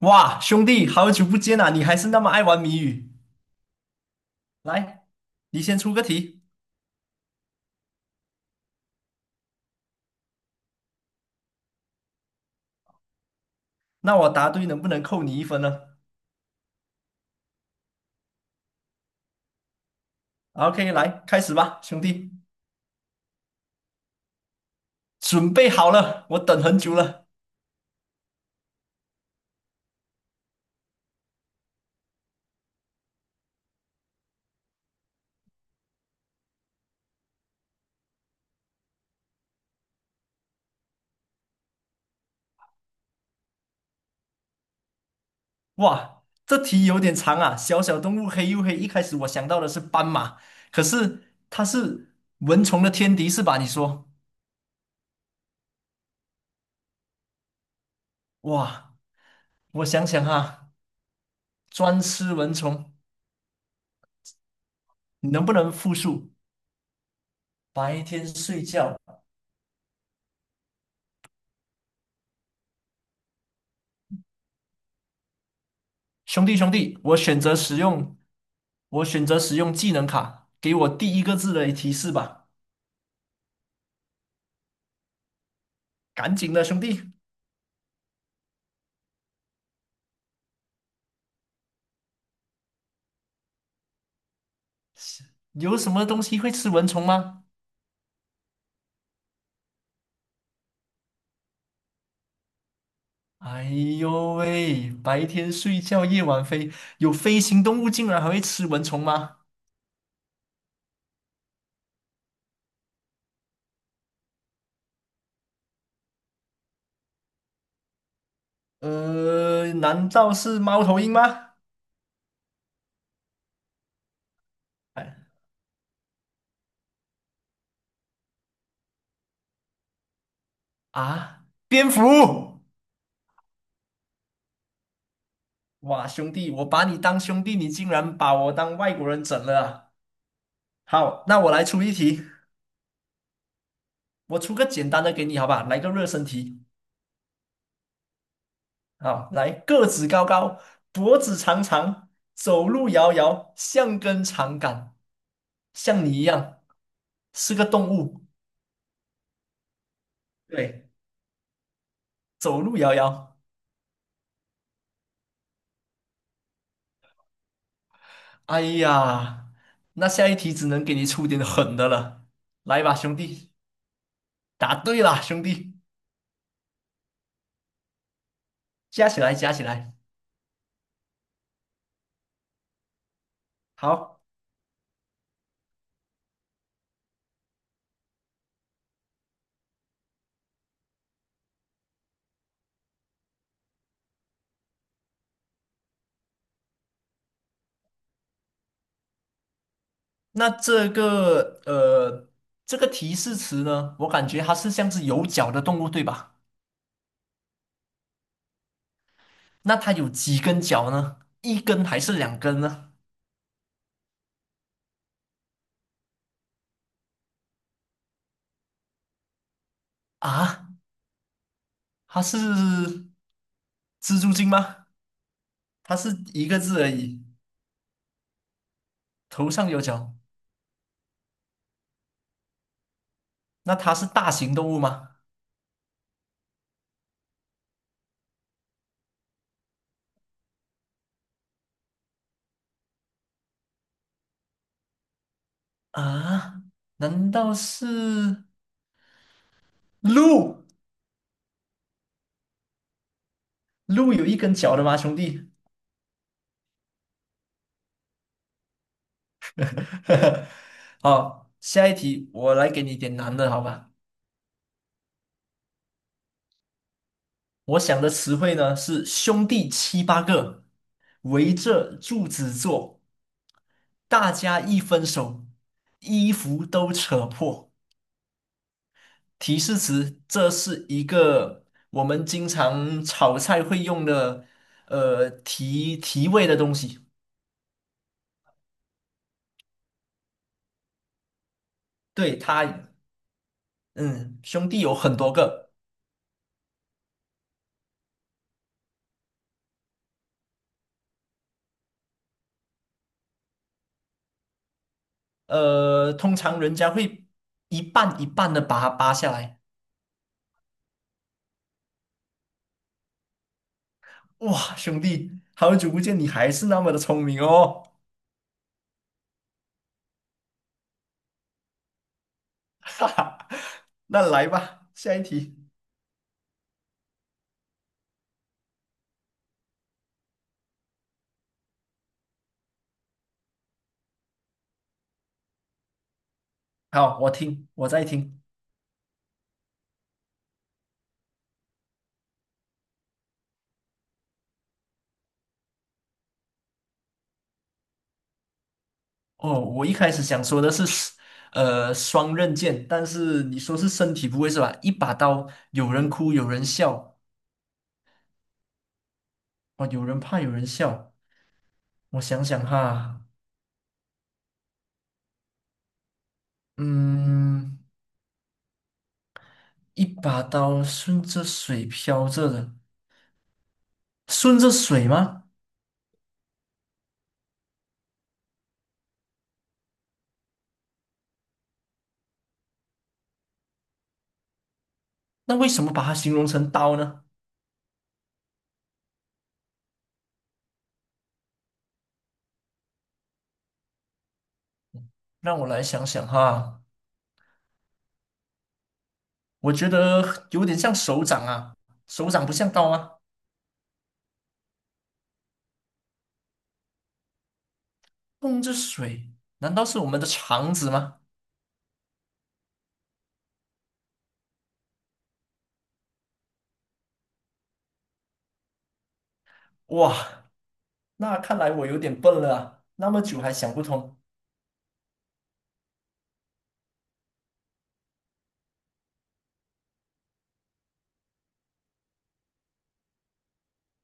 哇，兄弟，好久不见啊！你还是那么爱玩谜语。来，你先出个题，那我答对能不能扣你一分呢？OK，来，开始吧，兄弟，准备好了，我等很久了。哇，这题有点长啊。小小动物黑又黑，一开始我想到的是斑马，可是它是蚊虫的天敌是吧？你说，哇，我想想哈，专吃蚊虫，你能不能复述？白天睡觉，兄弟兄弟，我选择使用。我选择使用技能卡，给我第一个字的提示吧。赶紧的，兄弟，有什么东西会吃蚊虫吗？哎呦喂，白天睡觉，夜晚飞，有飞行动物竟然还会吃蚊虫吗？难道是猫头鹰吗？哎啊，蝙蝠！哇，兄弟，我把你当兄弟，你竟然把我当外国人整了啊。好，那我来出一题，我出个简单的给你，好吧？来个热身题。好，来，个子高高，脖子长长，走路摇摇，像根长杆，像你一样是个动物。对，走路摇摇。哎呀，那下一题只能给你出点狠的了。来吧，兄弟，答对啦，兄弟，加起来，加起来。好，那这个这个提示词呢，我感觉它是像是有脚的动物，对吧？那它有几根脚呢？一根还是两根呢？啊？它是蜘蛛精吗？它是一个字而已，头上有角。那它是大型动物吗？啊，难道是鹿？鹿有一根脚的吗，兄弟？好，下一题我来给你点难的，好吧？我想的词汇呢是兄弟七八个，围着柱子坐，大家一分手，衣服都扯破。提示词，这是一个我们经常炒菜会用的，提提味的东西。对，它，嗯，兄弟有很多个，通常人家会一半一半的把它扒下来。哇，兄弟，好久不见，你还是那么的聪明哦，哈哈。那来吧，下一题。好，我听，我在听。哦，我一开始想说的是，双刃剑，但是你说是身体部位是吧？一把刀，有人哭，有人笑，哦，有人怕，有人笑。我想想哈，嗯，一把刀顺着水飘着的，顺着水吗？那为什么把它形容成刀呢？让我来想想哈，我觉得有点像手掌啊，手掌不像刀吗？碰着水，难道是我们的肠子吗？哇，那看来我有点笨了啊那么久还想不通。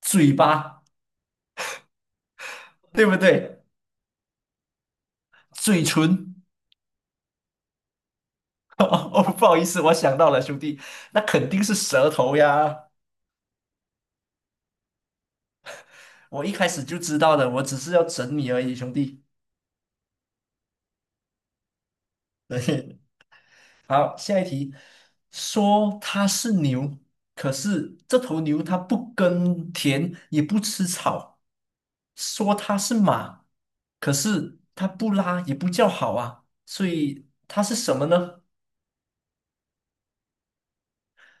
嘴巴，对不对？嘴唇。哦，不好意思，我想到了，兄弟，那肯定是舌头呀。我一开始就知道的，我只是要整你而已，兄弟。对，好，下一题，说它是牛，可是这头牛它不耕田，也不吃草；说它是马，可是它不拉也不叫好啊，所以它是什么呢？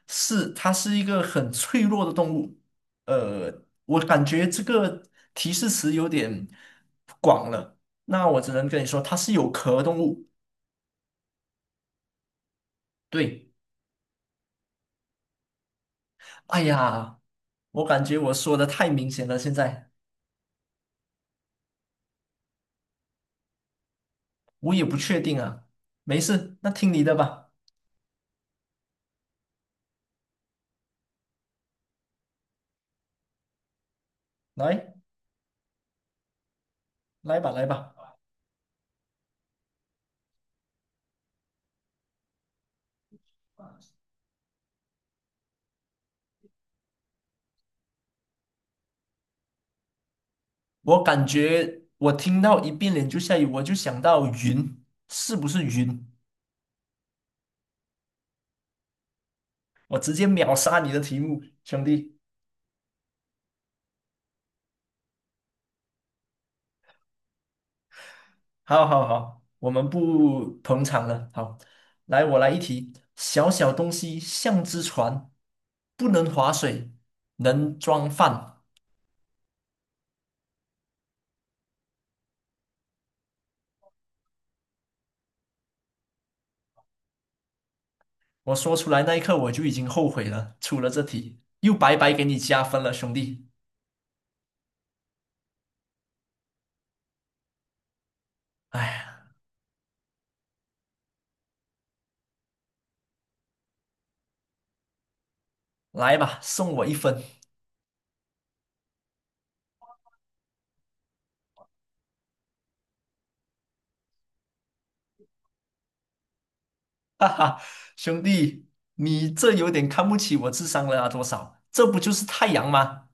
是，它是一个很脆弱的动物。我感觉这个提示词有点广了，那我只能跟你说，它是有壳动物。对，哎呀，我感觉我说的太明显了，现在我也不确定啊。没事，那听你的吧，来，来吧，来吧。我感觉我听到一变脸就下雨，我就想到云，是不是云？我直接秒杀你的题目，兄弟。好好好，我们不捧场了。好，来，我来一题：小小东西像只船，不能划水，能装饭。我说出来那一刻，我就已经后悔了，出了这题，又白白给你加分了，兄弟。哎呀，来吧，送我一分，哈哈，兄弟，你这有点看不起我智商了啊？多少？这不就是太阳吗？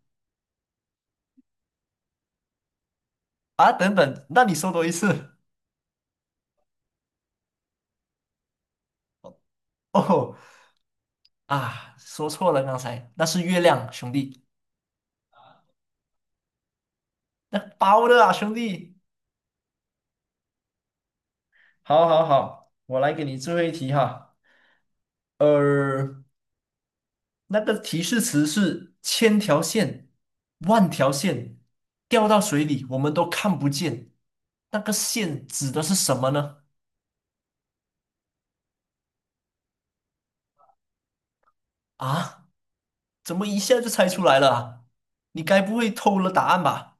啊，等等，那你说多一次。 哦啊，说错了，刚才那是月亮，兄弟。那包的啊，兄弟，好，好，好，我来给你最后一题哈。呃，那个提示词是千条线、万条线，掉到水里我们都看不见。那个线指的是什么呢？啊，怎么一下就猜出来了啊你该不会偷了答案吧？